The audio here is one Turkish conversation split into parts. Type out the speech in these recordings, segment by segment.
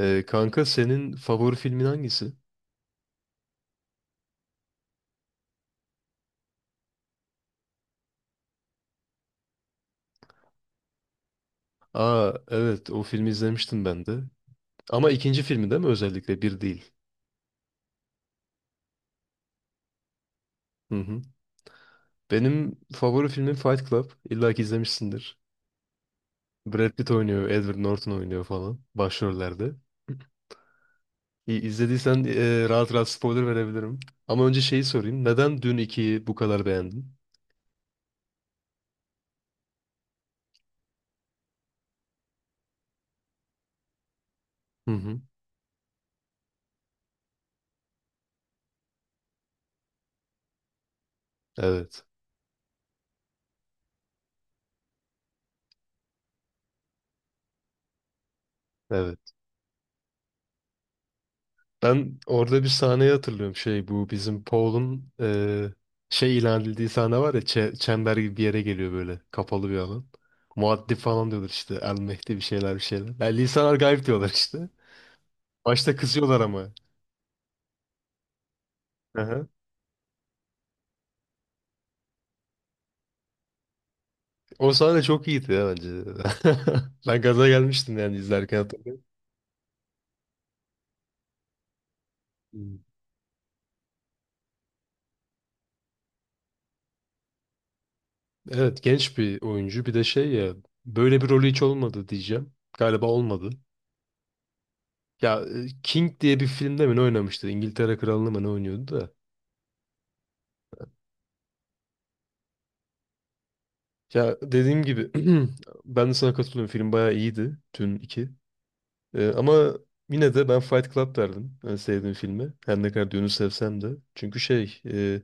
Kanka senin favori filmin hangisi? Aa, evet o filmi izlemiştim ben de. Ama ikinci filmi değil mi özellikle, bir değil. Hı hı. Benim favori filmim Fight Club. İlla ki izlemişsindir. Brad Pitt oynuyor, Edward Norton oynuyor falan başrollerde. İzlediysen, rahat rahat spoiler verebilirim. Ama önce şeyi sorayım. Neden dün 2'yi bu kadar beğendin? Hı hı. Evet. Evet. Ben orada bir sahneyi hatırlıyorum. Şey, bu bizim Paul'un şey ilan edildiği sahne var ya, çember gibi bir yere geliyor, böyle kapalı bir alan. Muaddi falan diyorlar işte, El Mehdi, bir şeyler bir şeyler. Yani lisanlar gayb diyorlar işte. Başta kızıyorlar ama. Aha. O sahne çok iyiydi ya bence. Ben gaza gelmiştim yani, izlerken hatırlıyorum. Hmm. Evet, genç bir oyuncu, bir de şey ya, böyle bir rolü hiç olmadı diyeceğim. Galiba olmadı. Ya, King diye bir filmde mi ne oynamıştı? İngiltere Kralı'nı mı ne oynuyordu da. Ya dediğim gibi, ben de sana katılıyorum. Film bayağı iyiydi, Dün iki. Ama yine de ben Fight Club derdim. Yani sevdiğim filmi, her ne kadar Dün'ü sevsem de. Çünkü şey,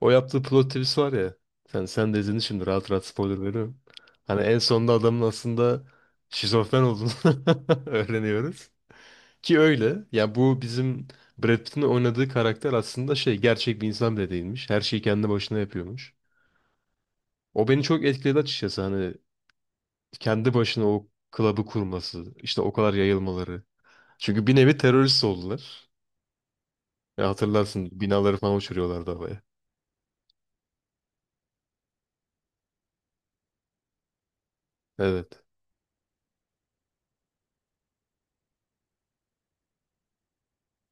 o yaptığı plot twist var ya. Sen de izledin, şimdi rahat rahat spoiler veriyorum. Hani en sonunda adamın aslında şizofren olduğunu öğreniyoruz. Ki öyle. Ya bu bizim Brad Pitt'in oynadığı karakter aslında şey, gerçek bir insan bile değilmiş. Her şeyi kendi başına yapıyormuş. O beni çok etkiledi açıkçası. Hani kendi başına o klabı kurması, işte o kadar yayılmaları. Çünkü bir nevi terörist oldular. Ya hatırlarsın, binaları falan uçuruyorlardı havaya. Evet.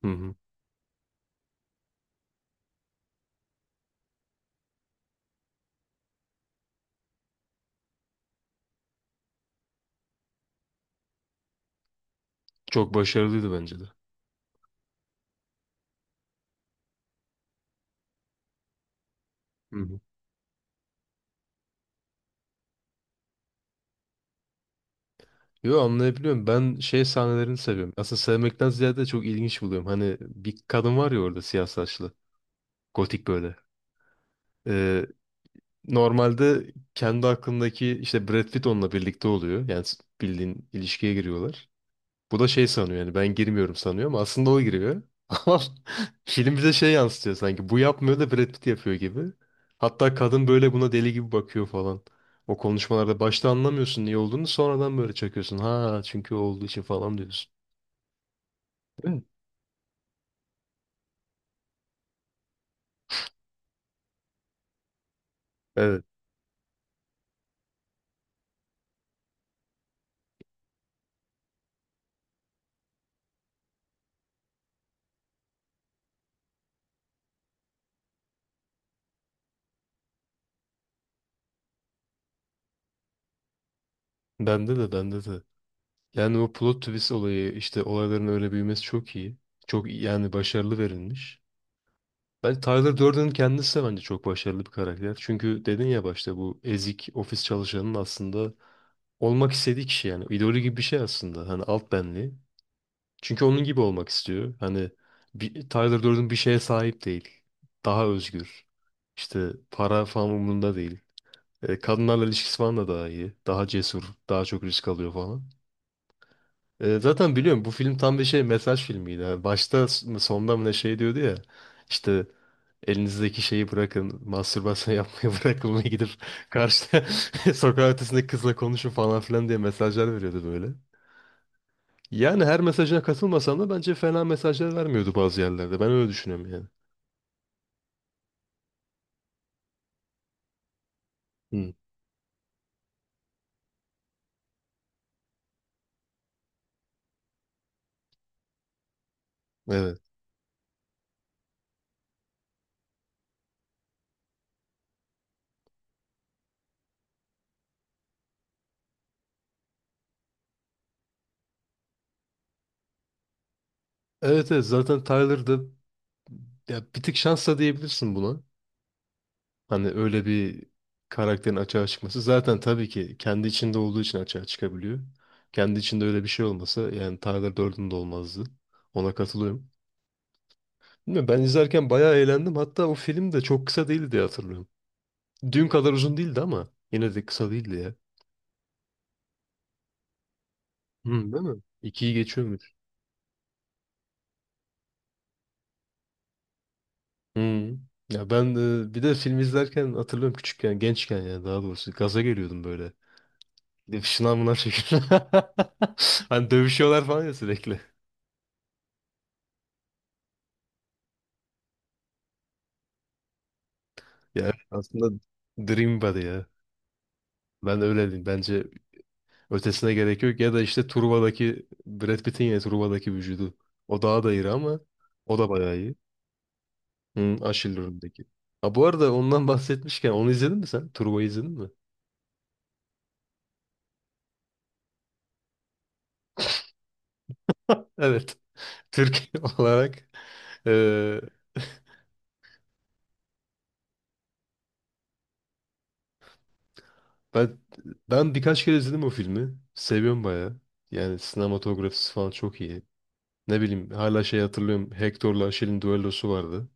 Hı hı. Çok başarılıydı bence de. Hı hı. Yo, anlayabiliyorum. Ben şey sahnelerini seviyorum. Aslında sevmekten ziyade çok ilginç buluyorum. Hani bir kadın var ya orada, siyah saçlı. Gotik böyle. Ee, Normalde kendi aklındaki işte Brad Pitt onunla birlikte oluyor. Yani bildiğin ilişkiye giriyorlar. Bu da şey sanıyor, yani ben girmiyorum sanıyor, ama aslında o giriyor. Ama film bize şey yansıtıyor, sanki bu yapmıyor da Brad Pitt yapıyor gibi. Hatta kadın böyle buna deli gibi bakıyor falan. O konuşmalarda başta anlamıyorsun niye olduğunu, sonradan böyle çakıyorsun. Ha, çünkü o olduğu için falan diyorsun. Değil mi? Evet. Bende de, bende de. Yani o plot twist olayı, işte olayların öyle büyümesi çok iyi. Yani başarılı verilmiş. Ben Tyler Durden'ın kendisi de bence çok başarılı bir karakter. Çünkü dedin ya, başta bu ezik ofis çalışanının aslında olmak istediği kişi yani. İdolü gibi bir şey aslında. Hani alt benliği. Çünkü onun gibi olmak istiyor. Hani Tyler Durden bir şeye sahip değil. Daha özgür. İşte para falan umurunda değil. Kadınlarla ilişkisi falan da daha iyi. Daha cesur. Daha çok risk alıyor falan. Zaten biliyorum, bu film tam bir şey, mesaj filmiydi. Yani başta mı sonda mı ne şey diyordu ya. İşte elinizdeki şeyi bırakın. Mastürbasyon yapmaya bırakın ve gidip karşıda, sokak ötesindeki kızla konuşun falan filan diye mesajlar veriyordu böyle. Yani her mesajına katılmasam da bence fena mesajlar vermiyordu bazı yerlerde. Ben öyle düşünüyorum yani. Hı. Evet. Evet, evet, zaten Tyler'da, ya bir tık şansla diyebilirsin buna. Hani öyle bir karakterin açığa çıkması. Zaten tabii ki kendi içinde olduğu için açığa çıkabiliyor. Kendi içinde öyle bir şey olmasa yani Tyler Durden de olmazdı. Ona katılıyorum. Bilmiyorum, ben izlerken bayağı eğlendim. Hatta o film de çok kısa değildi diye hatırlıyorum. Dün kadar uzun değildi ama yine de kısa değildi ya. Hı, değil mi? İkiyi geçiyor. Hmm. Ya ben, bir de film izlerken hatırlıyorum, küçükken, gençken ya, daha doğrusu gaza geliyordum böyle. Gidip şınav mınav çekip. Hani dövüşüyorlar falan ya sürekli. Ya evet, aslında Dream Body ya. Ben öyle diyeyim. Bence ötesine gerek yok. Ya da işte Truva'daki Brad Pitt'in, ya Truva'daki vücudu. O daha da iri, ama o da bayağı iyi. Hı, Aşil rolündeki. Ha, bu arada ondan bahsetmişken, onu izledin mi sen? Truva'yı izledin mi? Evet. Türk olarak e, Ben ben birkaç kere izledim o filmi. Seviyorum bayağı. Yani sinematografisi falan çok iyi. Ne bileyim, hala şey hatırlıyorum. Hector'la Aşil'in düellosu vardı.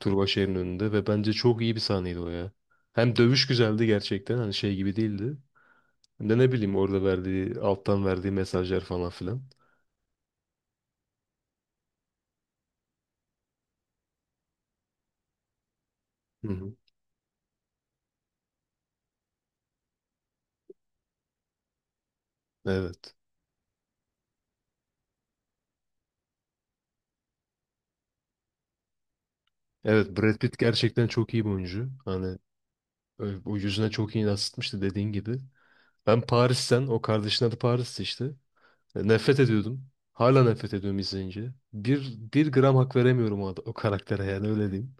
Turbaşehir'in önünde, ve bence çok iyi bir sahneydi o ya. Hem dövüş güzeldi gerçekten, hani şey gibi değildi. Hem de ne bileyim, orada verdiği, alttan verdiği mesajlar falan filan. Hı hı. Evet. Evet, Brad Pitt gerçekten çok iyi bir oyuncu. Hani o yüzüne çok iyi yansıtmıştı dediğin gibi. Ben Paris'ten, o kardeşin adı Paris'ti işte. Nefret ediyordum. Hala nefret ediyorum izleyince. Bir gram hak veremiyorum o karaktere, yani öyle diyeyim.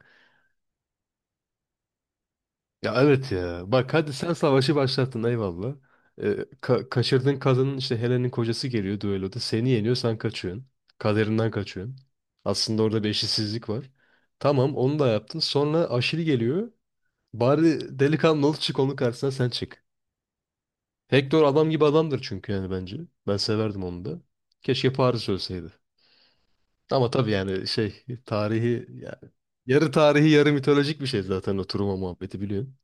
Ya evet ya. Bak, hadi sen savaşı başlattın, eyvallah. Ee, kaçırdığın kadının, işte Helen'in kocası geliyor düelloda. Seni yeniyor, sen kaçıyorsun. Kaderinden kaçıyorsun. Aslında orada bir eşitsizlik var. Tamam, onu da yaptın. Sonra Aşil geliyor. Bari delikanlı ol, çık onun karşısına, sen çık. Hector adam gibi adamdır çünkü, yani bence. Ben severdim onu da. Keşke Paris ölseydi. Ama tabii, yani şey, tarihi yani, yarı tarihi yarı mitolojik bir şey zaten o Truman muhabbeti, biliyorsun.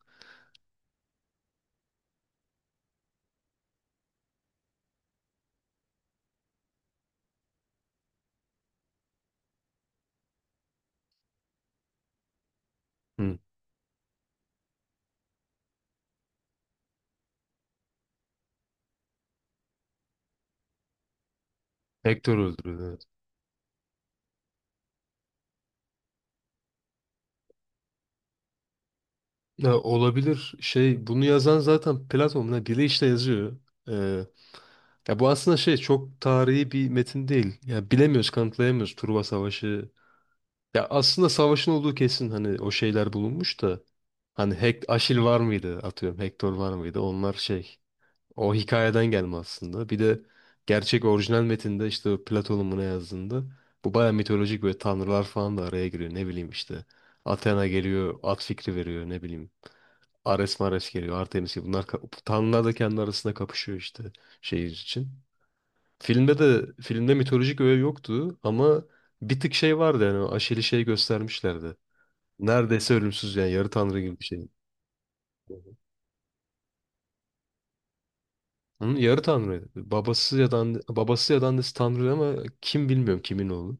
Hı. Hector öldürüldü. Evet. Ya olabilir, şey, bunu yazan zaten Platon ne bile işte yazıyor. Ee, Ya bu aslında şey, çok tarihi bir metin değil. Ya bilemiyoruz, kanıtlayamıyoruz, Truva Savaşı. Ya aslında savaşın olduğu kesin, hani o şeyler bulunmuş da, hani Aşil var mıydı, atıyorum Hektor var mıydı, onlar şey. O hikayeden gelme aslında. Bir de gerçek orijinal metinde, işte o Platon'un buna yazdığında, bu baya mitolojik, böyle tanrılar falan da araya giriyor. Ne bileyim işte, Athena geliyor, at fikri veriyor, ne bileyim. Ares Mares geliyor, Artemis gibi. Bunlar, tanrılar da kendi arasında kapışıyor işte, şehir için. Filmde mitolojik öğe yoktu ama bir tık şey vardı, yani o Aşil'i şey göstermişlerdi. Neredeyse ölümsüz yani, yarı tanrı gibi bir şey. Onun yarı tanrıydı. Babası ya da babası ya da annesi tanrı, ama kim, bilmiyorum kimin oğlu.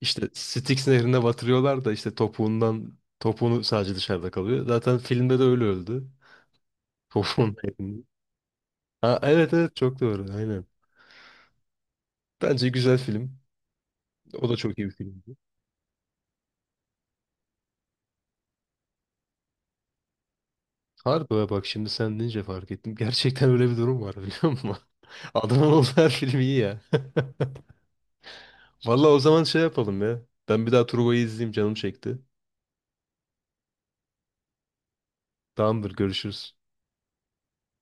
İşte Styx nehrine batırıyorlar da, işte topuğundan, topuğunu sadece dışarıda kalıyor. Zaten filmde de öyle öldü. Topuğundan yakında. Ha, evet evet, çok doğru, aynen. Bence güzel film. O da çok iyi bir filmdi. Harbi ha, bak şimdi sen deyince fark ettim. Gerçekten öyle bir durum var biliyor musun? Adamın olduğu her film iyi ya. Valla o zaman şey yapalım ya. Ben bir daha Truva'yı izleyeyim, canım çekti. Tamamdır, görüşürüz.